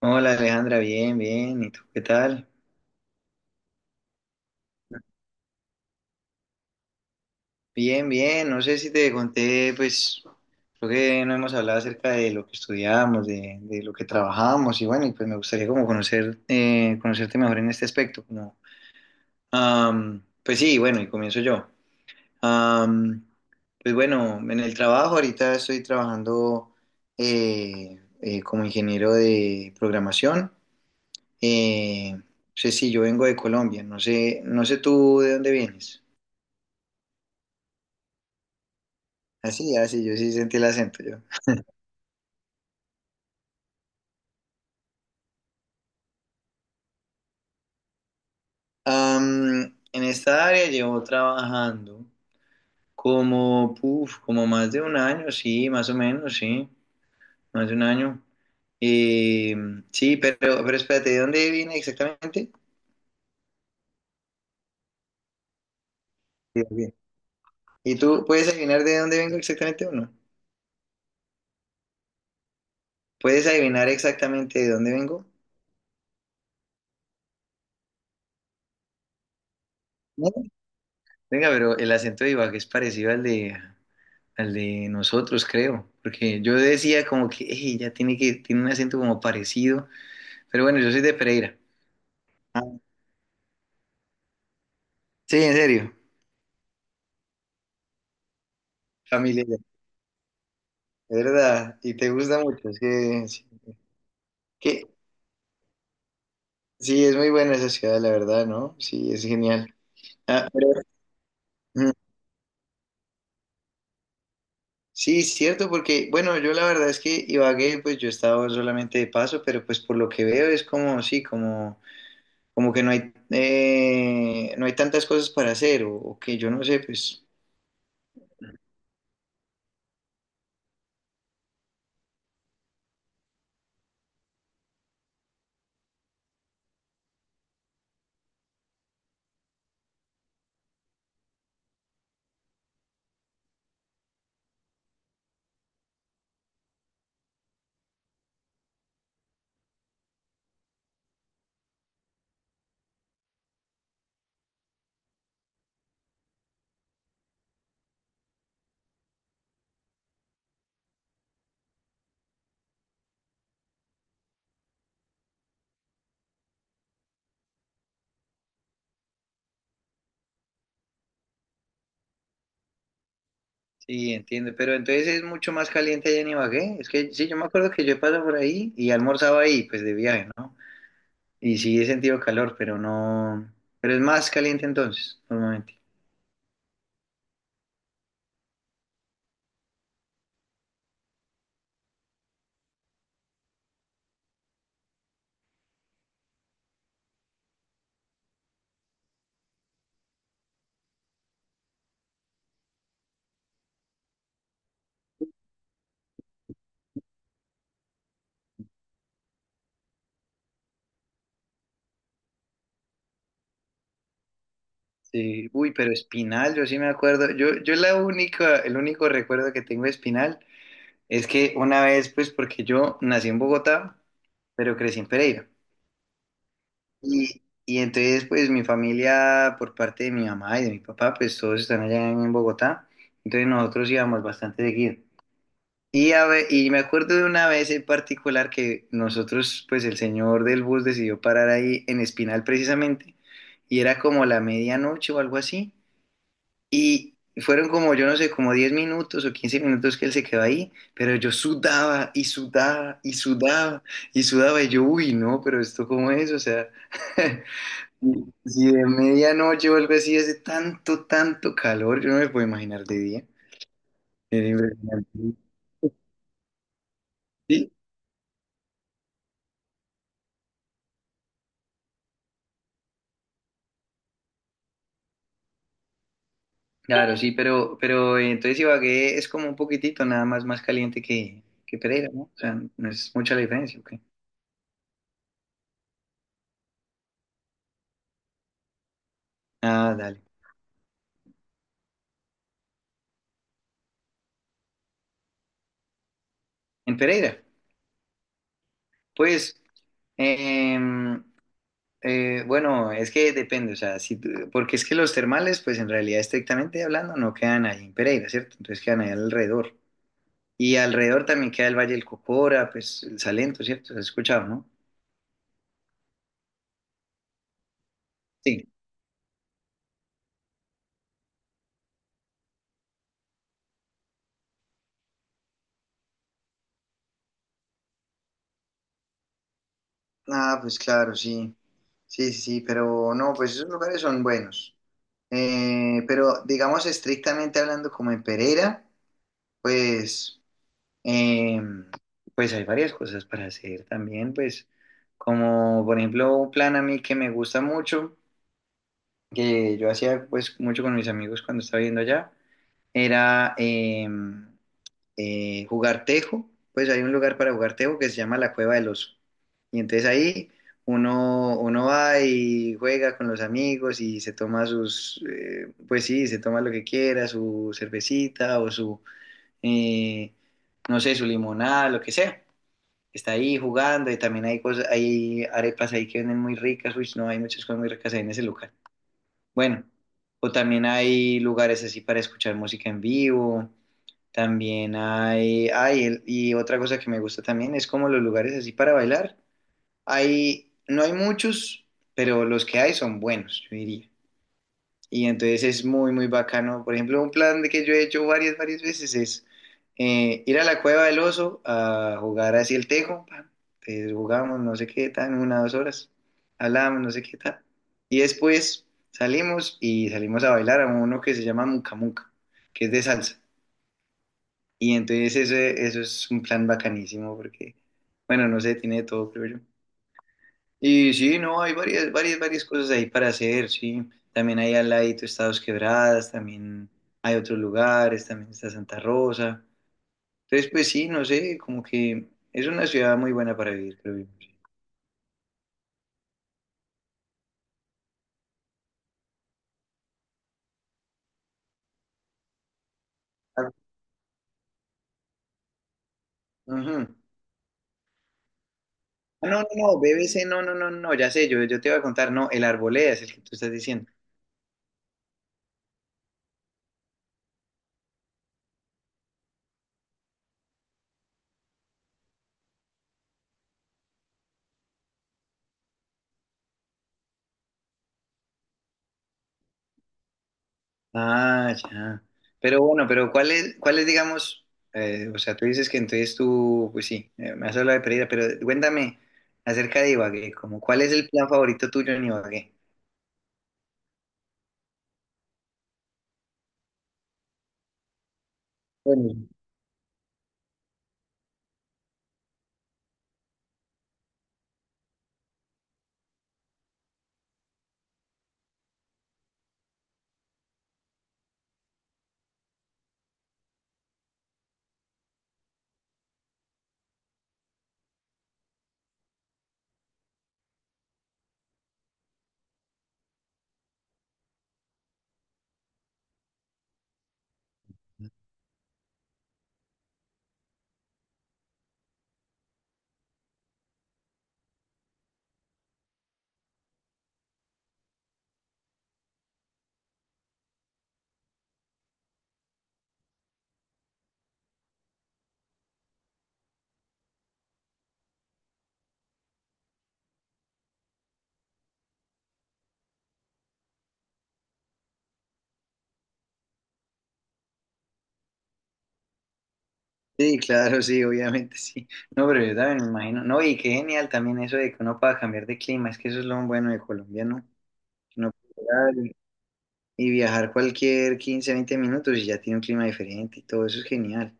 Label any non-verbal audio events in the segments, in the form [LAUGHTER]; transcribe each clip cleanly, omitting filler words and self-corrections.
Hola Alejandra, bien, bien. ¿Y tú qué tal? Bien, bien. No sé si te conté, pues creo que no hemos hablado acerca de lo que estudiamos, de lo que trabajamos y bueno, y pues me gustaría como conocer, conocerte mejor en este aspecto. Pues sí, bueno, y comienzo yo. Am, pues bueno, en el trabajo ahorita estoy trabajando como ingeniero de programación. No sé, si yo vengo de Colombia, no sé, no sé tú de dónde vienes. Así, así, yo sí sentí el acento yo. En esta área llevo trabajando como, puf, como más de un año, sí, más o menos, sí, más de un año. Eh, sí, pero espérate, ¿de dónde viene exactamente? Sí, bien. ¿Y tú puedes adivinar de dónde vengo exactamente o no? ¿Puedes adivinar exactamente de dónde vengo? No. Venga, pero el acento de Ibagué es parecido al de nosotros, creo, porque yo decía como que "Ey, ya tiene que, tiene un acento como parecido". Pero bueno, yo soy de Pereira. Ah, sí, en serio. Familia, de verdad. Y te gusta mucho. Es que, sí, que- sí, es muy buena esa ciudad, la verdad, ¿no? Sí, es genial. Ah, pero, mm, sí, es cierto, porque, bueno, yo la verdad es que Ibagué, pues yo he estado solamente de paso, pero pues por lo que veo es como, sí, como, como que no hay, no hay tantas cosas para hacer, o que yo no sé, pues. Sí, entiendo, pero entonces es mucho más caliente allá en Ibagué. Es que sí, yo me acuerdo que yo he pasado por ahí y almorzaba ahí, pues de viaje, ¿no? Y sí he sentido calor, pero no. Pero es más caliente entonces, normalmente. Sí. Uy, pero Espinal, yo sí me acuerdo. Yo la única, el único recuerdo que tengo de Espinal es que una vez, pues, porque yo nací en Bogotá, pero crecí en Pereira. Y entonces, pues, mi familia, por parte de mi mamá y de mi papá, pues, todos están allá en Bogotá. Entonces, nosotros íbamos bastante seguido. Y, y me acuerdo de una vez en particular que nosotros, pues el señor del bus decidió parar ahí en Espinal precisamente, y era como la medianoche o algo así, y fueron como, yo no sé, como 10 minutos o 15 minutos que él se quedó ahí, pero yo sudaba y sudaba y sudaba y sudaba, y yo, uy, no, pero esto cómo es, o sea, [LAUGHS] si de medianoche o algo así hace tanto, tanto calor, yo no me puedo imaginar de día, era impresionante. Sí, claro, sí, pero entonces Ibagué es como un poquitito nada más más caliente que Pereira, ¿no? O sea, no es mucha la diferencia, ¿ok? Ah, dale. En Pereira, pues, em, bueno, es que depende, o sea, si, tú- porque es que los termales, pues en realidad estrictamente hablando, no quedan ahí en Pereira, ¿cierto? Entonces quedan ahí alrededor. Y alrededor también queda el Valle del Cocora, pues el Salento, ¿cierto? ¿Has escuchado, no? Sí. Ah, pues claro, sí. Sí, sí, sí, pero no, pues esos lugares son buenos. Pero digamos estrictamente hablando como en Pereira, pues, eh, pues hay varias cosas para hacer también, pues como por ejemplo un plan a mí que me gusta mucho, que yo hacía pues mucho con mis amigos cuando estaba viviendo allá, era jugar tejo, pues hay un lugar para jugar tejo que se llama la Cueva del Oso. Y entonces ahí uno va y juega con los amigos y se toma sus, pues sí, se toma lo que quiera, su cervecita o su, eh, no sé, su limonada, lo que sea. Está ahí jugando y también hay cosas, hay arepas ahí que venden muy ricas, uy, no, hay muchas cosas muy ricas ahí en ese lugar. Bueno, o también hay lugares así para escuchar música en vivo. También hay y otra cosa que me gusta también es como los lugares así para bailar. Hay, no hay muchos, pero los que hay son buenos, yo diría. Y entonces es muy, muy bacano. Por ejemplo, un plan de que yo he hecho varias, varias veces es ir a la Cueva del Oso a jugar así el tejo. Pam. Entonces jugamos no sé qué tan, una, 2 horas. Hablamos no sé qué tal. Y después salimos y salimos a bailar a uno que se llama Muca Muca, que es de salsa. Y entonces eso es un plan bacanísimo porque, bueno, no sé, tiene de todo, creo yo. Y sí, no, hay varias, varias, varias cosas ahí para hacer, sí. También hay al ladito Estados Quebradas, también hay otros lugares, también está Santa Rosa. Entonces, pues sí, no sé, como que es una ciudad muy buena para vivir, creo yo. Ah, ujú. Ah, no, no, no, BBC, no, no, no, no, ya sé, yo te iba a contar, no, el Arboleda es el que tú estás diciendo. Ah, ya. Pero bueno, pero ¿cuál es, digamos, o sea, tú dices que entonces tú, pues sí, me has hablado de Pereira, pero cuéntame acerca de Ibagué, como cuál es el plan favorito tuyo en Ibagué? Bueno, sí, claro, sí, obviamente sí. No, pero yo también me imagino. No, y qué genial también eso de que uno pueda cambiar de clima, es que eso es lo bueno de Colombia, ¿no? Que uno puede llegar y viajar cualquier 15, 20 minutos y ya tiene un clima diferente y todo eso es genial.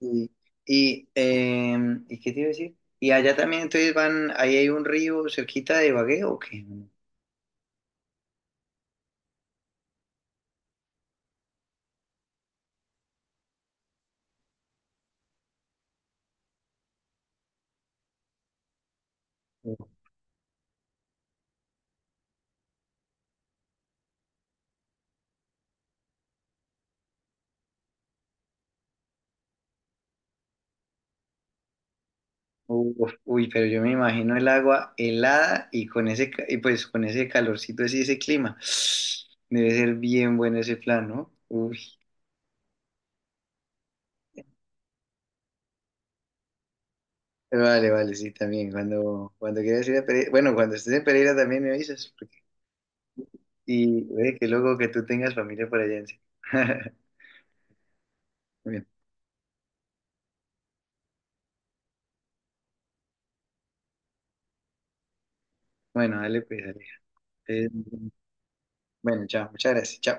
Y, ¿Y qué te iba a decir? Y allá también entonces van, ahí hay un río cerquita de Ibagué, ¿o qué? Uf, uy, pero yo me imagino el agua helada y con ese, y pues con ese calorcito así, ese clima. [SIGHS] Debe ser bien bueno ese plan, ¿no? Uy. Vale, vale, sí, también. Cuando quieras ir a Pereira, bueno, cuando estés en Pereira también me avisas. Y que luego que tú tengas familia por allá en sí. [LAUGHS] Bien. Bueno, dale pues, dale. Bueno, chao. Muchas gracias. Chao.